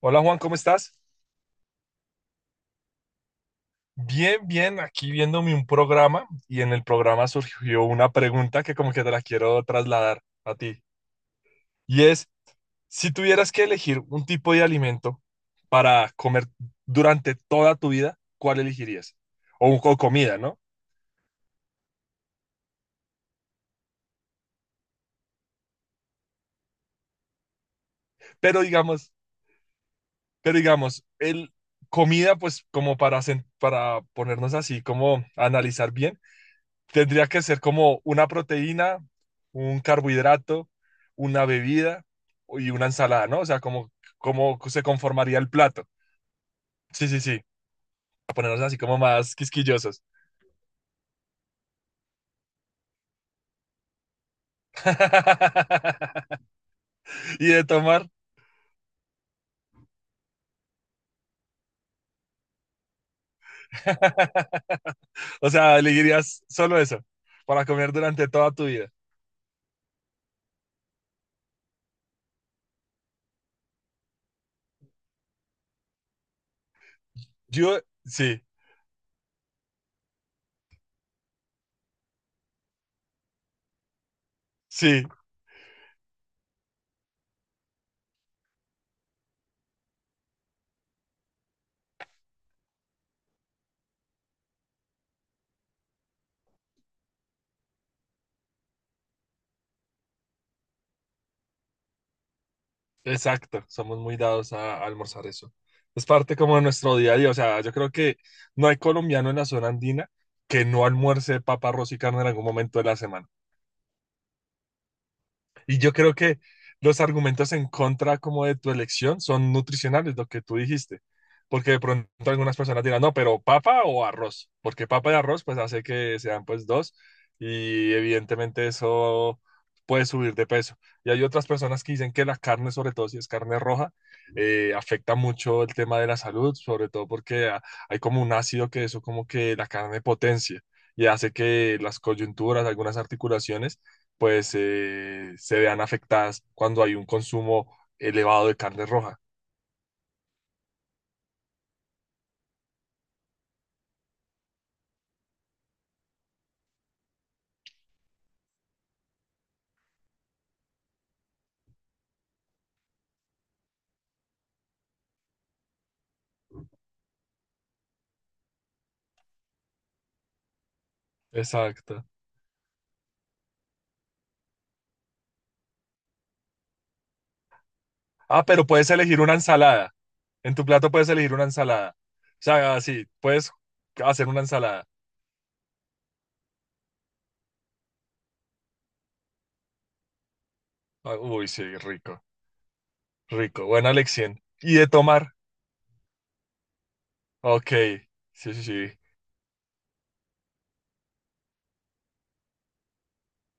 Hola Juan, ¿cómo estás? Bien, bien, aquí viéndome un programa y en el programa surgió una pregunta que como que te la quiero trasladar a ti. Y es, si tuvieras que elegir un tipo de alimento para comer durante toda tu vida, ¿cuál elegirías? O, o comida, ¿no? Pero digamos, pero digamos, el comida pues como para, para ponernos así, como analizar bien. Tendría que ser como una proteína, un carbohidrato, una bebida y una ensalada, ¿no? O sea, como cómo se conformaría el plato. Sí, sí, sí. A ponernos así como más quisquillosos. Y de tomar. O sea, elegirías solo eso para comer durante toda tu vida. Yo, sí, sí. Exacto, somos muy dados a almorzar eso. Es parte como de nuestro día a día. O sea, yo creo que no hay colombiano en la zona andina que no almuerce papa, arroz y carne en algún momento de la semana. Y yo creo que los argumentos en contra como de tu elección son nutricionales, lo que tú dijiste. Porque de pronto algunas personas dirán, no, pero papa o arroz, porque papa y arroz pues hace que sean pues dos y evidentemente eso puede subir de peso. Y hay otras personas que dicen que la carne, sobre todo si es carne roja, afecta mucho el tema de la salud, sobre todo porque hay como un ácido que eso como que la carne potencia y hace que las coyunturas, algunas articulaciones pues se vean afectadas cuando hay un consumo elevado de carne roja. Exacto. Ah, pero puedes elegir una ensalada. En tu plato puedes elegir una ensalada. O sea, así, puedes hacer una ensalada. Ah, uy, sí, rico, rico. Buena elección. ¿Y de tomar? Ok, sí, sí, sí.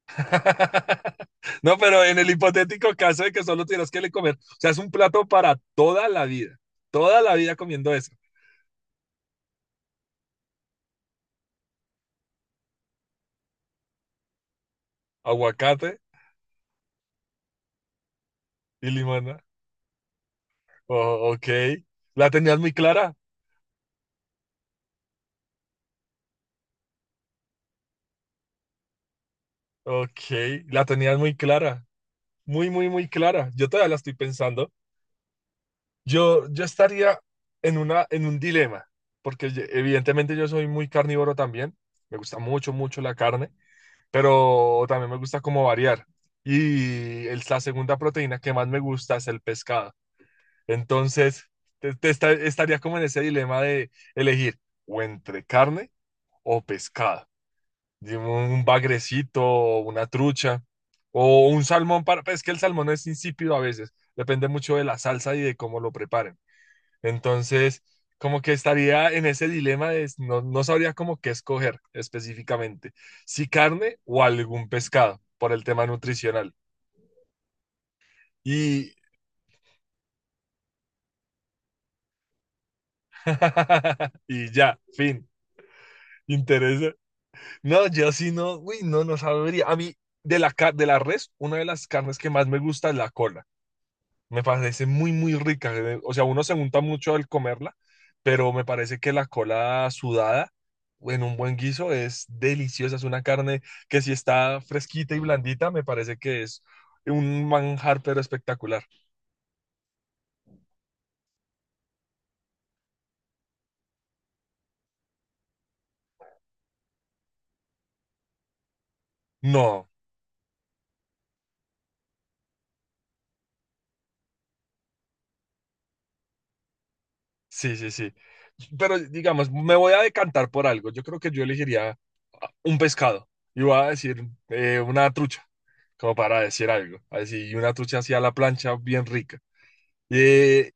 No, pero en el hipotético caso de que solo tienes que le comer, o sea, es un plato para toda la vida. Toda la vida comiendo eso. Aguacate y limón, ¿no? Oh, ok. La tenías muy clara. Ok, la tenías muy clara. Muy, muy, muy clara. Yo todavía la estoy pensando. Yo estaría en una, en un dilema, porque evidentemente yo soy muy carnívoro también. Me gusta mucho, mucho la carne, pero también me gusta como variar. Y la segunda proteína que más me gusta es el pescado. Entonces, estaría como en ese dilema de elegir o entre carne o pescado. De un bagrecito, o una trucha o un salmón para... Pues, es que el salmón es insípido a veces, depende mucho de la salsa y de cómo lo preparen. Entonces, como que estaría en ese dilema de no, no sabría como qué escoger específicamente, si carne o algún pescado por el tema nutricional. Y, y ya, fin. Interesa. No, yo sí no, uy, no, no sabría. A mí, de la, de la res, una de las carnes que más me gusta es la cola. Me parece muy, muy rica. O sea, uno se unta mucho al comerla, pero me parece que la cola sudada en un buen guiso es deliciosa. Es una carne que si está fresquita y blandita, me parece que es un manjar, pero espectacular. No, sí, sí, sí. Pero digamos, me voy a decantar por algo. Yo creo que yo elegiría un pescado. Y voy a decir una trucha, como para decir algo. Así, una trucha así a la plancha, bien rica. Eh,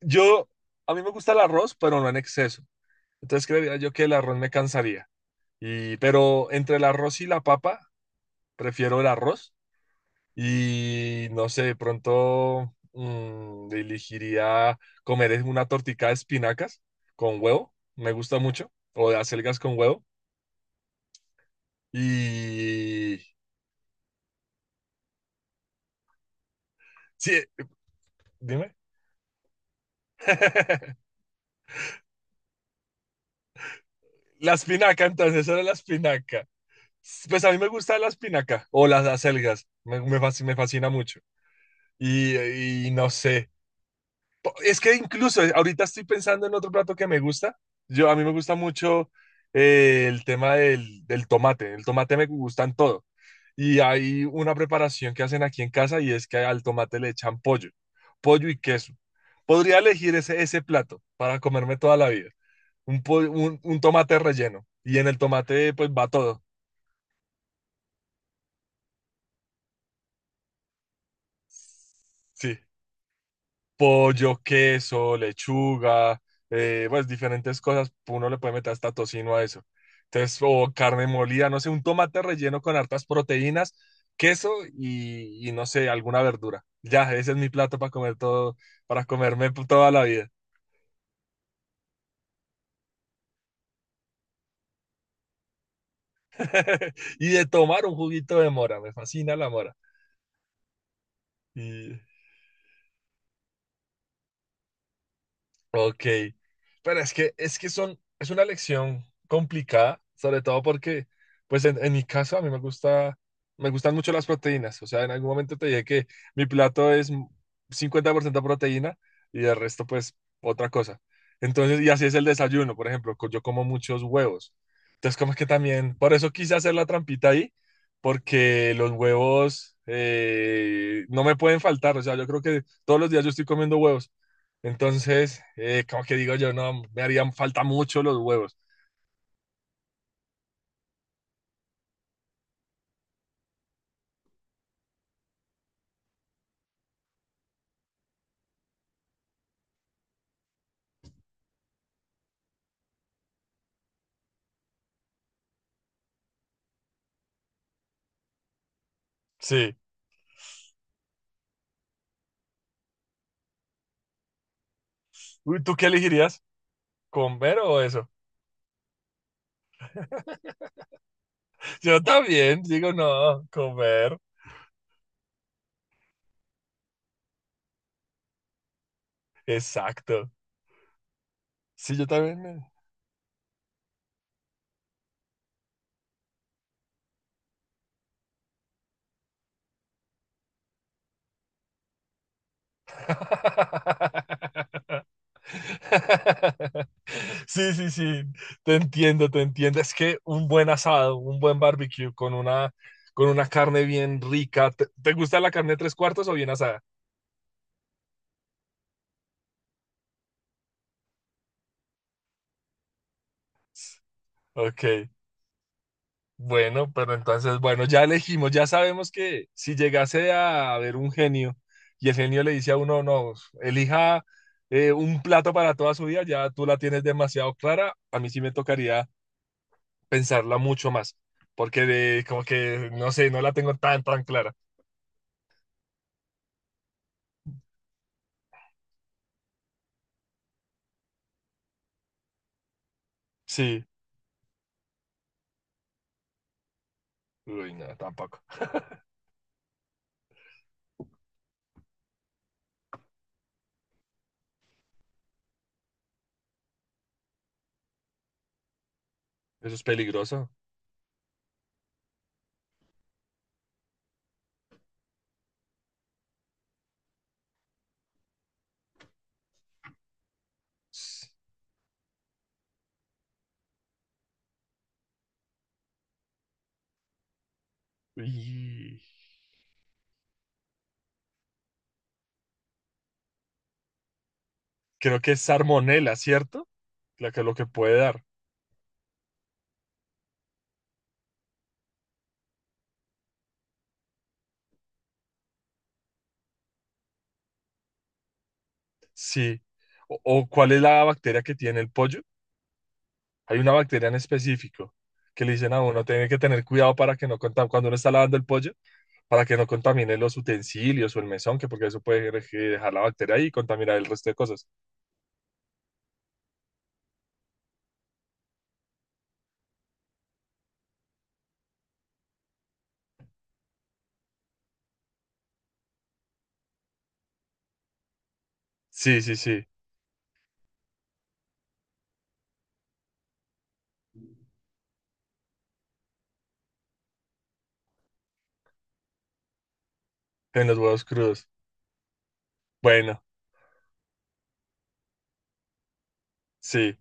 Yo, a mí me gusta el arroz, pero no en exceso. Entonces creería yo que el arroz me cansaría. Y, pero entre el arroz y la papa, prefiero el arroz. Y no sé, de pronto elegiría comer una tortica de espinacas con huevo. Me gusta mucho. O de acelgas con huevo. Y... Sí, dime. La espinaca, entonces, eso era la espinaca. Pues a mí me gusta la espinaca o las acelgas. Me, me fascina mucho. Y no sé. Es que incluso ahorita estoy pensando en otro plato que me gusta. Yo, a mí me gusta mucho el tema del, del tomate. El tomate me gusta en todo. Y hay una preparación que hacen aquí en casa y es que al tomate le echan pollo, pollo y queso. Podría elegir ese, ese plato para comerme toda la vida. Un, un tomate relleno. Y en el tomate pues va todo. Sí. Pollo, queso, lechuga, pues diferentes cosas, uno le puede meter hasta tocino a eso. Entonces, o carne molida, no sé, un tomate relleno con hartas proteínas, queso y no sé, alguna verdura. Ya, ese es mi plato para comer todo, para comerme toda la vida. Y de tomar un juguito de mora, me fascina la mora. Y ok, pero es que son, es una lección complicada, sobre todo porque, pues en mi caso a mí me gusta, me gustan mucho las proteínas, o sea, en algún momento te dije que mi plato es 50% proteína y el resto pues otra cosa. Entonces, y así es el desayuno, por ejemplo, yo como muchos huevos. Entonces, como es que también, por eso quise hacer la trampita ahí, porque los huevos no me pueden faltar, o sea, yo creo que todos los días yo estoy comiendo huevos. Entonces, como que digo yo, no, me harían falta mucho los huevos. Sí. Uy, ¿tú qué elegirías? ¿Comer o eso? Yo también digo, no, comer. Exacto. Sí, yo también. Sí, sí, sí. Te entiendo, te entiendo. Es que un buen asado, un buen barbecue con una carne bien rica. ¿Te, te gusta la carne tres cuartos o bien asada? Ok. Bueno, pero entonces, bueno, ya elegimos, ya sabemos que si llegase a haber un genio y el genio le dice a uno, no, elija un plato para toda su vida, ya tú la tienes demasiado clara, a mí sí me tocaría pensarla mucho más, porque como que, no sé, no la tengo tan, tan clara. Sí, uy, no, tampoco. Eso es peligroso. Y creo que es salmonela, ¿cierto? La que lo que puede dar. Sí. ¿O o, cuál es la bacteria que tiene el pollo? Hay una bacteria en específico que le dicen a uno, tiene que tener cuidado para que no contamine, cuando uno está lavando el pollo, para que no contamine los utensilios o el mesón, que porque eso puede dejar la bacteria ahí y contaminar el resto de cosas. Sí, sí, sí, en los huevos crudos. Bueno, sí,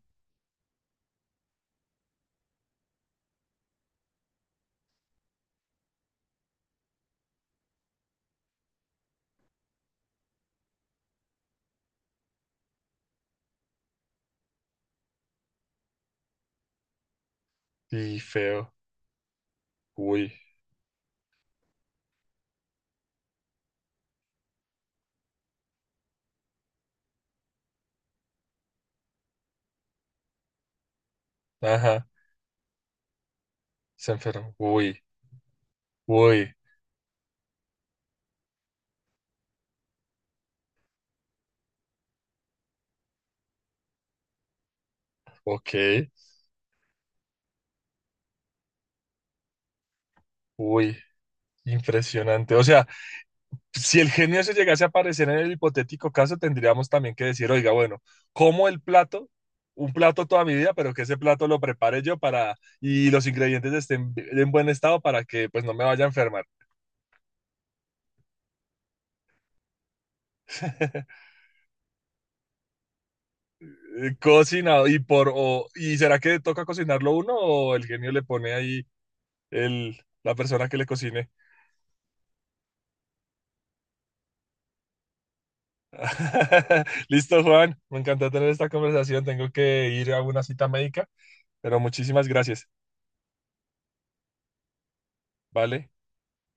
y feo. Uy, ajá, se enfermó. Uy, uy, ok, uy, impresionante. O sea, si el genio se llegase a aparecer en el hipotético caso, tendríamos también que decir, oiga, bueno, como el plato, un plato toda mi vida, pero que ese plato lo prepare yo para y los ingredientes estén en buen estado para que pues no me vaya a enfermar. Cocinado y por y será que toca cocinarlo uno o el genio le pone ahí el la persona que le cocine. Listo, Juan, me encantó tener esta conversación, tengo que ir a una cita médica, pero muchísimas gracias, ¿vale?